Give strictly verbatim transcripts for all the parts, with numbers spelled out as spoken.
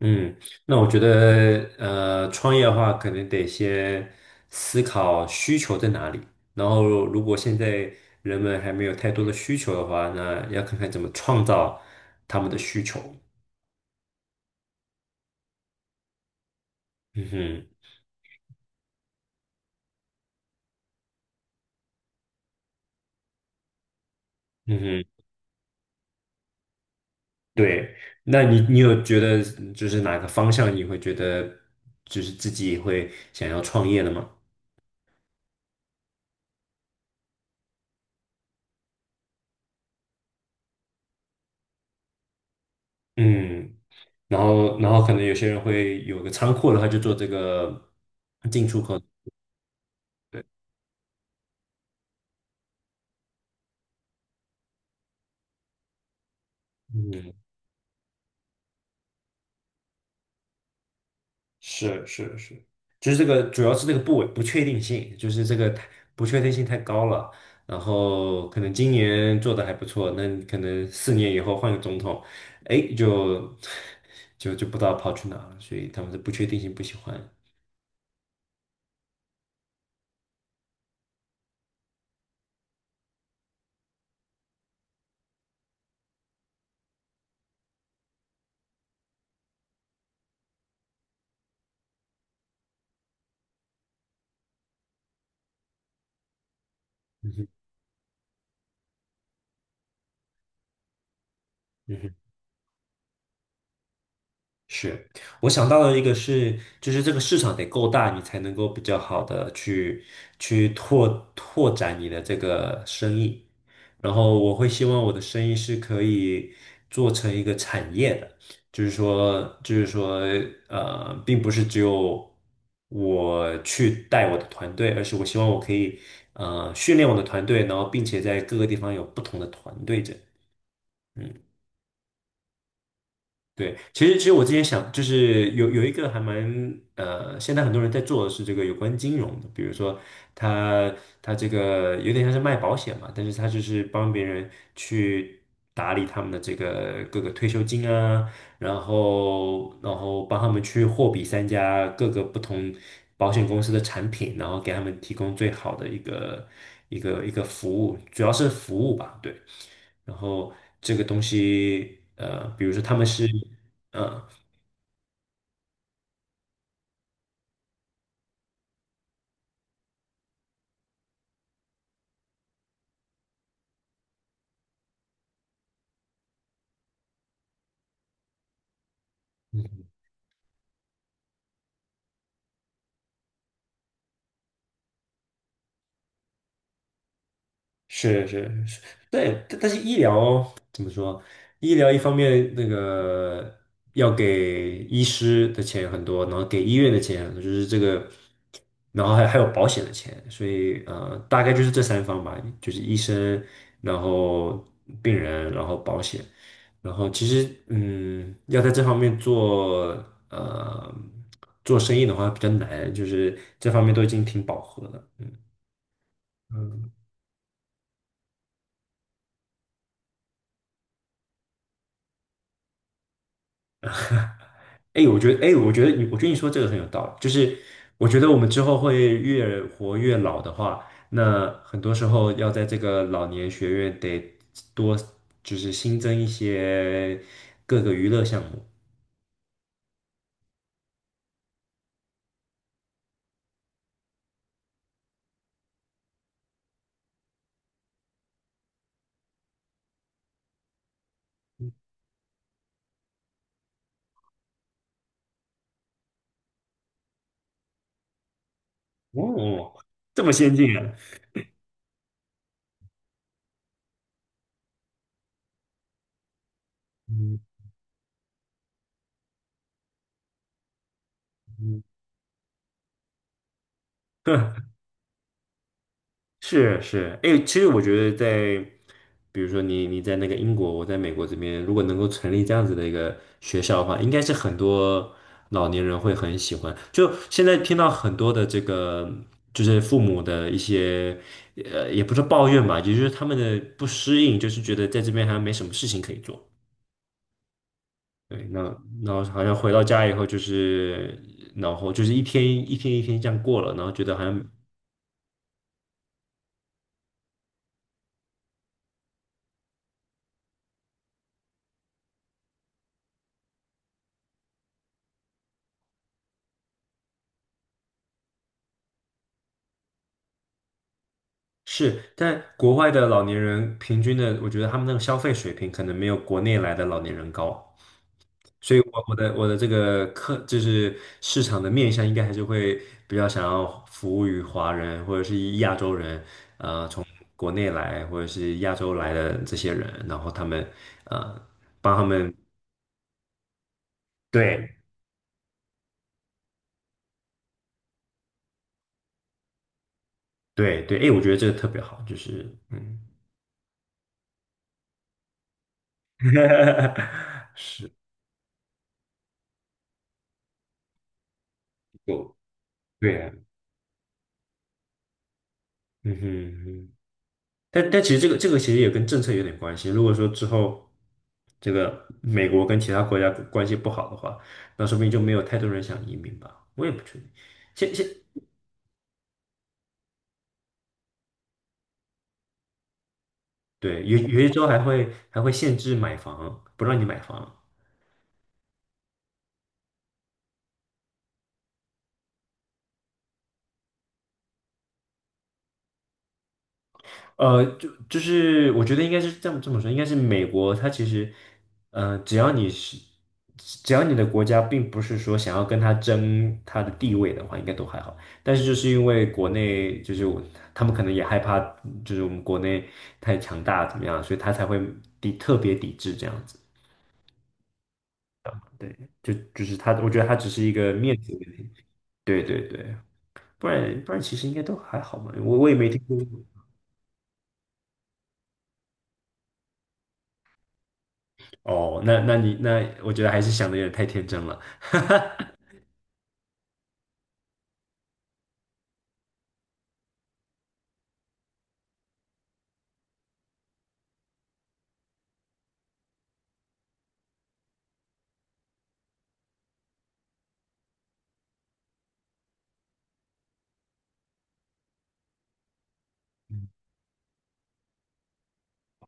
嗯，那我觉得，呃，创业的话，可能得先思考需求在哪里。然后，如果现在人们还没有太多的需求的话，那要看看怎么创造他们的需求。嗯哼，嗯哼，对。那你你有觉得就是哪个方向你会觉得就是自己会想要创业的吗？嗯，然后然后可能有些人会有个仓库的话，就做这个进出口。对，嗯。是是是，就是这个主要是这个不稳不确定性，就是这个太不确定性太高了。然后可能今年做的还不错，那你可能四年以后换个总统，哎，就 就就不知道跑去哪了。所以他们的不确定性不喜欢。嗯哼，是，我想到的一个是，就是这个市场得够大，你才能够比较好的去去拓拓展你的这个生意。然后我会希望我的生意是可以做成一个产业的，就是说，就是说，呃，并不是只有我去带我的团队，而是我希望我可以呃训练我的团队，然后并且在各个地方有不同的团队者。对，其实其实我之前想，就是有有一个还蛮呃，现在很多人在做的是这个有关金融的，比如说他他这个有点像是卖保险嘛，但是他就是帮别人去打理他们的这个各个退休金啊，然后然后帮他们去货比三家各个不同保险公司的产品，然后给他们提供最好的一个一个一个服务，主要是服务吧，对。然后这个东西，呃，比如说他们是，嗯，是是是，对，但但是医疗。说医疗一方面那个要给医师的钱很多，然后给医院的钱很多就是这个，然后还还有保险的钱，所以呃，大概就是这三方吧，就是医生，然后病人，然后保险，然后其实嗯，要在这方面做呃做生意的话比较难，就是这方面都已经挺饱和了，嗯哎，我觉得，哎，我觉得你，我觉得你说这个很有道理。就是我觉得我们之后会越活越老的话，那很多时候要在这个老年学院得多，就是新增一些各个娱乐项目。哦，这么先进啊！嗯嗯，是是，哎，其实我觉得在，比如说你你在那个英国，我在美国这边，如果能够成立这样子的一个学校的话，应该是很多老年人会很喜欢。就现在听到很多的这个，就是父母的一些，呃，也不是抱怨吧，也就是他们的不适应，就是觉得在这边好像没什么事情可以做。对，那然后好像回到家以后，就是然后就是一天一天一天这样过了，然后觉得好像是，但国外的老年人平均的，我觉得他们那个消费水平可能没有国内来的老年人高，所以我我的我的这个客就是市场的面向，应该还是会比较想要服务于华人或者是以亚洲人，国内来或者是亚洲来的这些人，然后他们呃帮他们，对对对，哎，我觉得这个特别好，就是嗯，就对啊，嗯哼。嗯哼，但但其实这个这个其实也跟政策有点关系。如果说之后这个美国跟其他国家关系不好的话，那说不定就没有太多人想移民吧。我也不确定。现现对，有有一州还会还会限制买房，不让你买房。呃，就就是我觉得应该是这么这么说，应该是美国，它其实，呃，只要你是，只要你的国家并不是说想要跟他争他的地位的话，应该都还好。但是就是因为国内就是我他们可能也害怕，就是我们国内太强大怎么样，所以他才会抵特别抵制这样子。对，就就是他，我觉得他只是一个面子问题。对对对，不然不然其实应该都还好嘛。我我也没听过。哦，那那你那我觉得还是想的有点太天真了。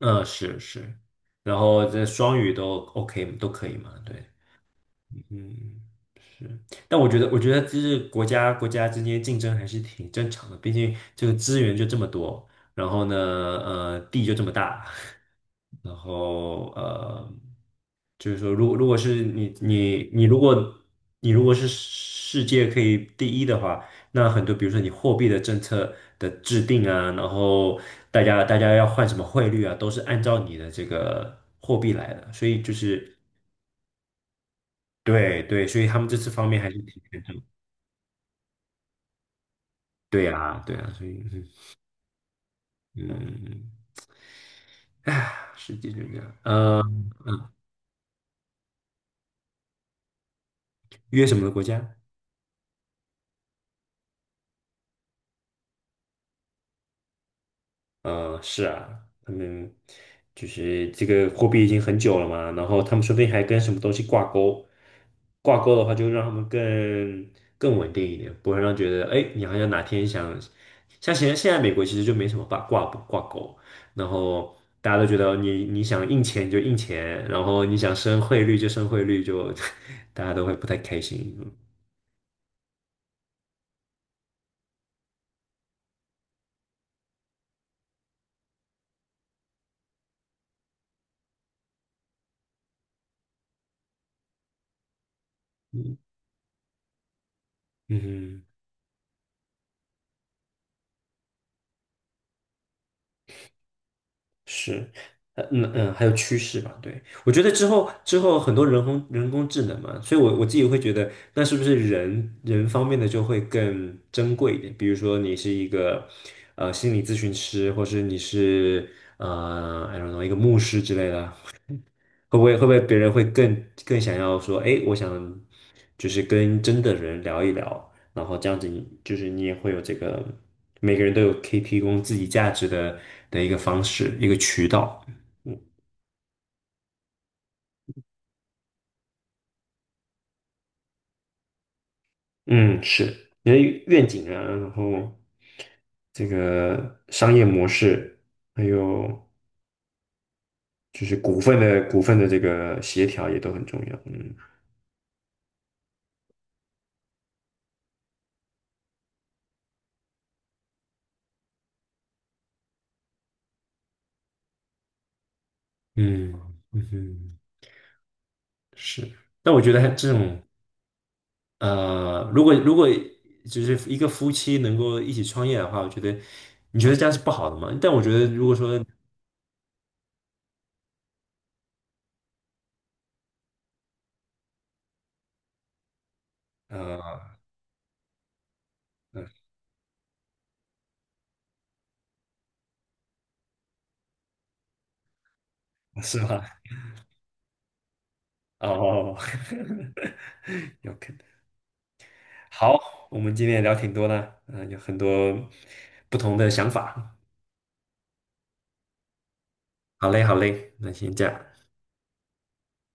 嗯，是是，然后这双语都 OK 都可以嘛？对，嗯，是。但我觉得，我觉得就是国家国家之间竞争还是挺正常的，毕竟这个资源就这么多，然后呢，呃，地就这么大，然后呃，就是说，如果如果是你你你如果你如果是世界可以第一的话，那很多比如说你货币的政策的制定啊，然后大家大家要换什么汇率啊，都是按照你的这个货币来的，所以就是对对，所以他们这次方面还是挺看重。对啊对啊，所以嗯嗯，世界就这样。呃，约什么国家？嗯，是啊，他们就是这个货币已经很久了嘛，然后他们说不定还跟什么东西挂钩，挂钩的话就让他们更更稳定一点，不会让觉得哎，诶你好像哪天想，像现在现在美国其实就没什么挂挂挂钩，然后大家都觉得你你想印钱就印钱，然后你想升汇率就升汇率就，大家都会不太开心，嗯嗯哼。是，呃嗯嗯，还有趋势吧，对，我觉得之后之后很多人工人工智能嘛，所以我我自己会觉得，那是不是人人方面的就会更珍贵一点？比如说你是一个呃心理咨询师，或是你是呃 I don't know 一个牧师之类的，会不会会不会别人会更更想要说，哎，我想就是跟真的人聊一聊，然后这样子你就是你也会有这个，每个人都有可以提供自己价值的的一个方式，一个渠道。嗯，是你的愿景啊，然后这个商业模式，还有就是股份的股份的这个协调也都很重要。嗯嗯嗯哼，是。但我觉得这种呃，如果如果就是一个夫妻能够一起创业的话，我觉得你觉得这样是不好的吗？但我觉得如果说呃，嗯，是吧？哦 ，OK。好，我们今天也聊挺多的，嗯、有很多不同的想法。好嘞，好嘞，那先这样，